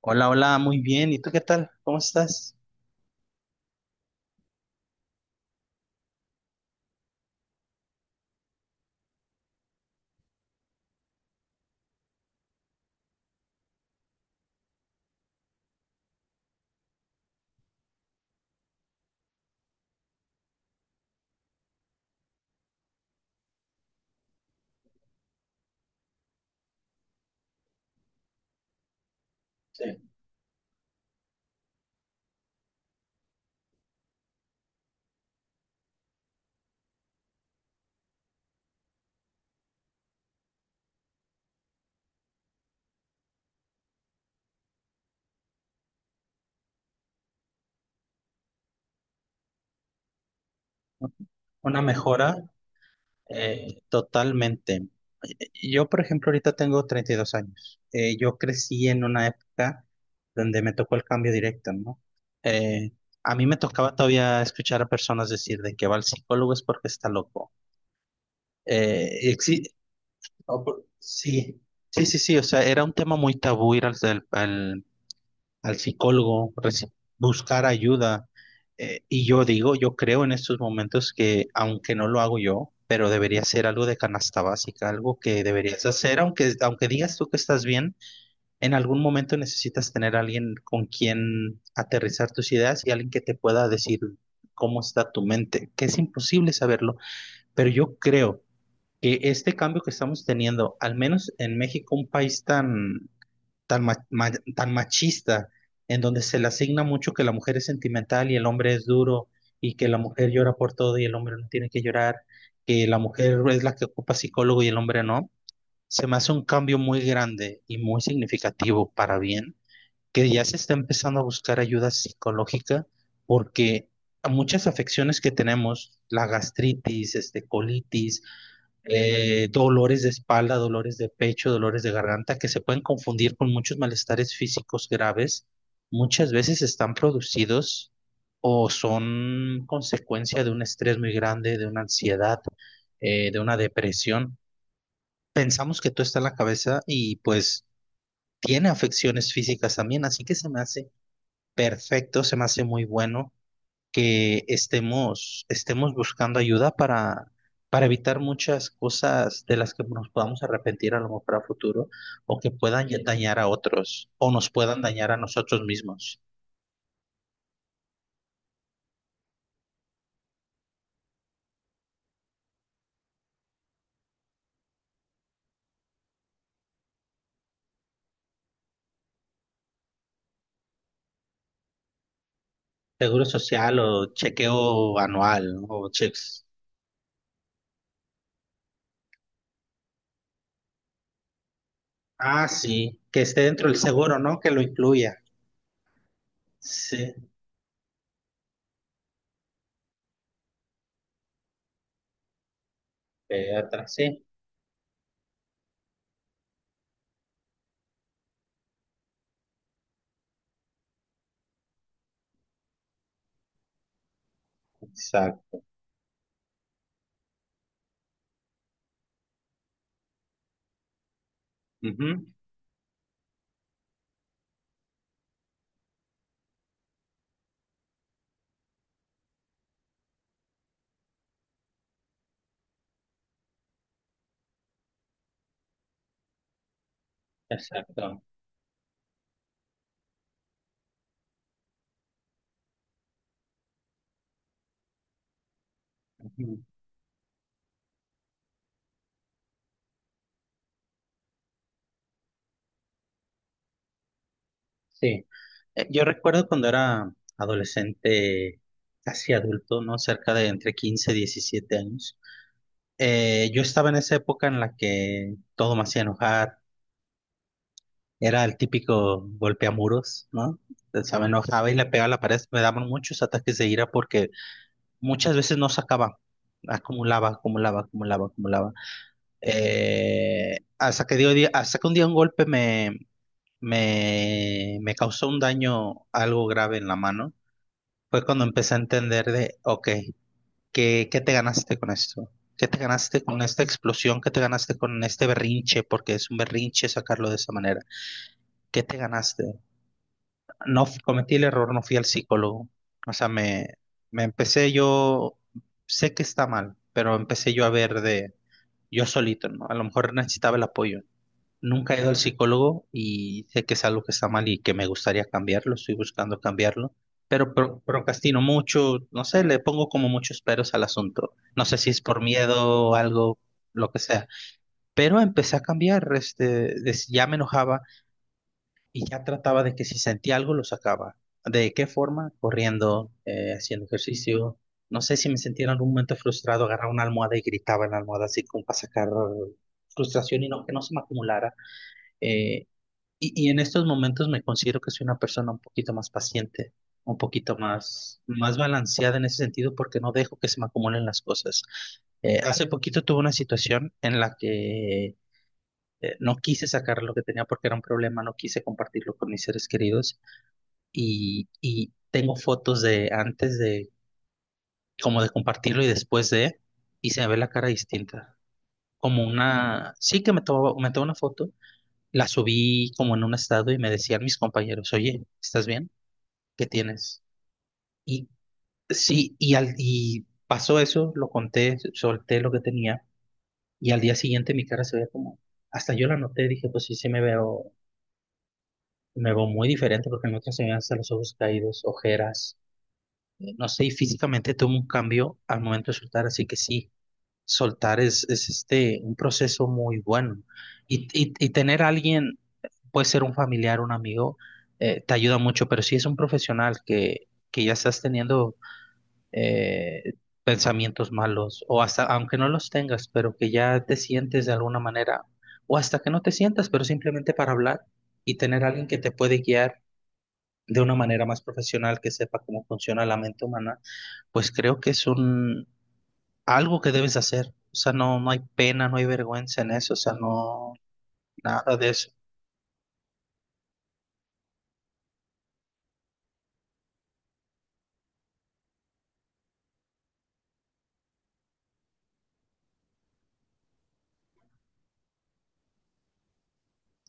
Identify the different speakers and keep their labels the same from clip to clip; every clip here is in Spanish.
Speaker 1: Hola, hola, muy bien. ¿Y tú qué tal? ¿Cómo estás? Sí. Una mejora totalmente. Yo, por ejemplo, ahorita tengo 32 años. Yo crecí en una época donde me tocó el cambio directo, ¿no? Eh, a mí me tocaba todavía escuchar a personas decir de que va al psicólogo es porque está loco. Eh, exi- sí, sí, sí, sí. O sea, era un tema muy tabú ir al psicólogo, buscar ayuda. Y yo digo, yo creo en estos momentos que, aunque no lo hago yo, pero debería ser algo de canasta básica, algo que deberías hacer, aunque digas tú que estás bien, en algún momento necesitas tener a alguien con quien aterrizar tus ideas y alguien que te pueda decir cómo está tu mente, que es imposible saberlo, pero yo creo que este cambio que estamos teniendo, al menos en México, un país tan, ma- ma- tan machista, en donde se le asigna mucho que la mujer es sentimental y el hombre es duro, y que la mujer llora por todo y el hombre no tiene que llorar, que la mujer es la que ocupa psicólogo y el hombre no, se me hace un cambio muy grande y muy significativo para bien, que ya se está empezando a buscar ayuda psicológica, porque a muchas afecciones que tenemos, la gastritis, este, colitis, dolores de espalda, dolores de pecho, dolores de garganta, que se pueden confundir con muchos malestares físicos graves, muchas veces están producidos o son consecuencia de un estrés muy grande, de una ansiedad, de una depresión. Pensamos que todo está en la cabeza y pues tiene afecciones físicas también, así que se me hace perfecto, se me hace muy bueno que estemos buscando ayuda para evitar muchas cosas de las que nos podamos arrepentir a lo mejor a futuro o que puedan dañar a otros o nos puedan dañar a nosotros mismos. Seguro social o chequeo anual, ¿no? O checks. Ah, sí, que esté dentro del seguro, ¿no? Que lo incluya. Sí, atrás, sí, exacto. Ujú. Exacto. Ujú. Sí. Yo recuerdo cuando era adolescente, casi adulto, ¿no? Cerca de entre 15 y 17 años. Yo estaba en esa época en la que todo me hacía enojar. Era el típico golpeamuros, ¿no? O sea, me enojaba y le pegaba a la pared. Me daban muchos ataques de ira porque muchas veces no sacaba. Acumulaba, acumulaba, acumulaba, acumulaba. Hasta que un día un golpe me causó un daño algo grave en la mano. Fue cuando empecé a entender de, ok, ¿qué te ganaste con esto? ¿Qué te ganaste con esta explosión? ¿Qué te ganaste con este berrinche? Porque es un berrinche sacarlo de esa manera. ¿Qué te ganaste? No f- cometí el error, no fui al psicólogo. O sea, me empecé yo, sé que está mal, pero empecé yo a ver de yo solito, ¿no? A lo mejor necesitaba el apoyo. Nunca he ido al psicólogo y sé que es algo que está mal y que me gustaría cambiarlo, estoy buscando cambiarlo, pero procrastino mucho, no sé, le pongo como muchos peros al asunto. No sé si es por miedo o algo, lo que sea. Pero empecé a cambiar, este, ya me enojaba y ya trataba de que si sentía algo lo sacaba. ¿De qué forma? Corriendo, haciendo ejercicio. No sé si me sentía en algún momento frustrado, agarraba una almohada y gritaba en la almohada así como para sacar frustración y no que no se me acumulara. eh, y en estos momentos me considero que soy una persona un poquito más paciente, un poquito más balanceada en ese sentido porque no dejo que se me acumulen las cosas. Hace poquito tuve una situación en la que no quise sacar lo que tenía porque era un problema, no quise compartirlo con mis seres queridos y tengo fotos de antes de, como de compartirlo y después de, y se me ve la cara distinta. Como una, sí que me tomó una foto, la subí como en un estado y me decían mis compañeros, oye, ¿estás bien? Que tienes. Y sí, y pasó eso, lo conté, solté lo que tenía y al día siguiente mi cara se veía como, hasta yo la noté, dije, pues sí, me veo muy diferente porque en otras se me ven hasta los ojos caídos, ojeras, no sé, y físicamente tuve un cambio al momento de soltar, así que sí, soltar es este, un proceso muy bueno. Y tener a alguien, puede ser un familiar, un amigo, te ayuda mucho, pero si es un profesional que ya estás teniendo eh, pensamientos malos, o hasta, aunque no los tengas, pero que ya te sientes de alguna manera, o hasta que no te sientas, pero simplemente para hablar y tener alguien que te puede guiar de una manera más profesional, que sepa cómo funciona la mente humana, pues creo que es un, algo que debes hacer. O sea, no, no hay pena, no hay vergüenza en eso, o sea, no, nada de eso.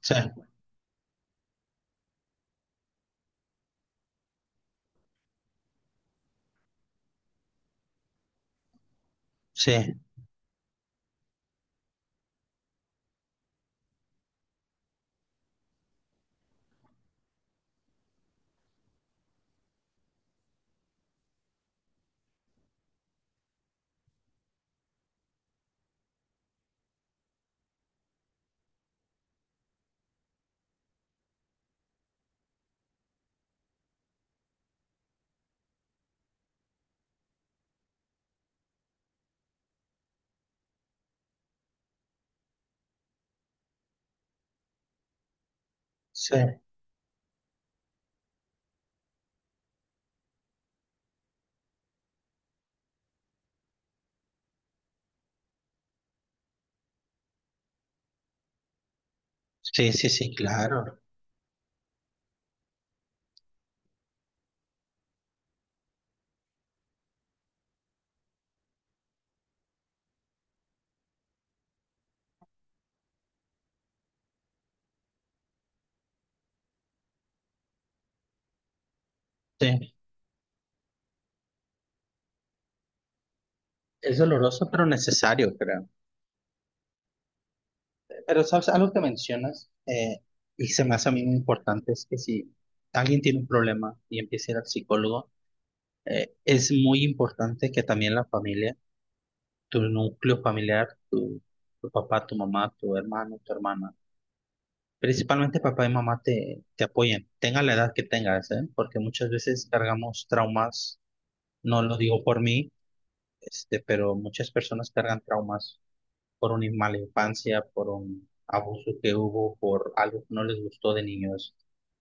Speaker 1: Sí, sí, sí, sí, sí, sí, claro. Sí, es doloroso, pero necesario, creo. Pero sabes, algo que mencionas y se me hace a mí muy importante es que si alguien tiene un problema y empieza a ir al psicólogo, es muy importante que también la familia, tu núcleo familiar, tu papá, tu mamá, tu hermano, tu hermana, principalmente papá y mamá te apoyen, tenga la edad que tengas, ¿eh? Porque muchas veces cargamos traumas, no lo digo por mí, este, pero muchas personas cargan traumas por una mala infancia, por un abuso que hubo, por algo que no les gustó de niños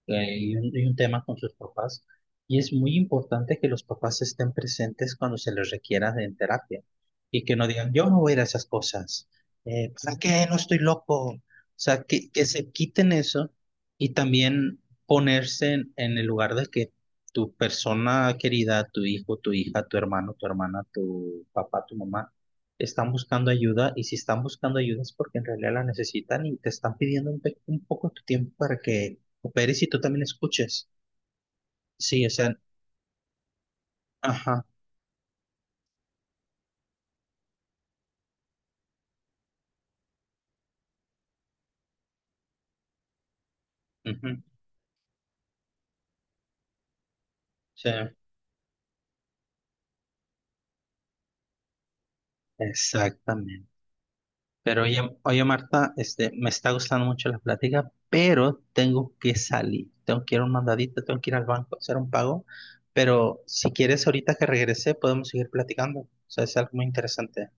Speaker 1: y un tema con sus papás. Y es muy importante que los papás estén presentes cuando se les requiera en terapia y que no digan, yo no voy a ir a esas cosas, ¿para qué? No estoy loco. O sea, que se quiten eso y también ponerse en el lugar de que tu persona querida, tu hijo, tu hija, tu hermano, tu hermana, tu papá, tu mamá, están buscando ayuda y si están buscando ayuda es porque en realidad la necesitan y te están pidiendo un, un poco tu tiempo para que operes y tú también escuches. Sí, o sea, ajá, ujú, sí, exactamente. Pero oye, oye Marta, este, me está gustando mucho la plática, pero tengo que salir, tengo que ir a un mandadito, tengo que ir al banco a hacer un pago, pero si quieres ahorita que regrese podemos seguir platicando, o sea, es algo muy interesante.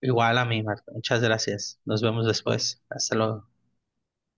Speaker 1: Igual a mí, Marta, muchas gracias, nos vemos después, hasta luego.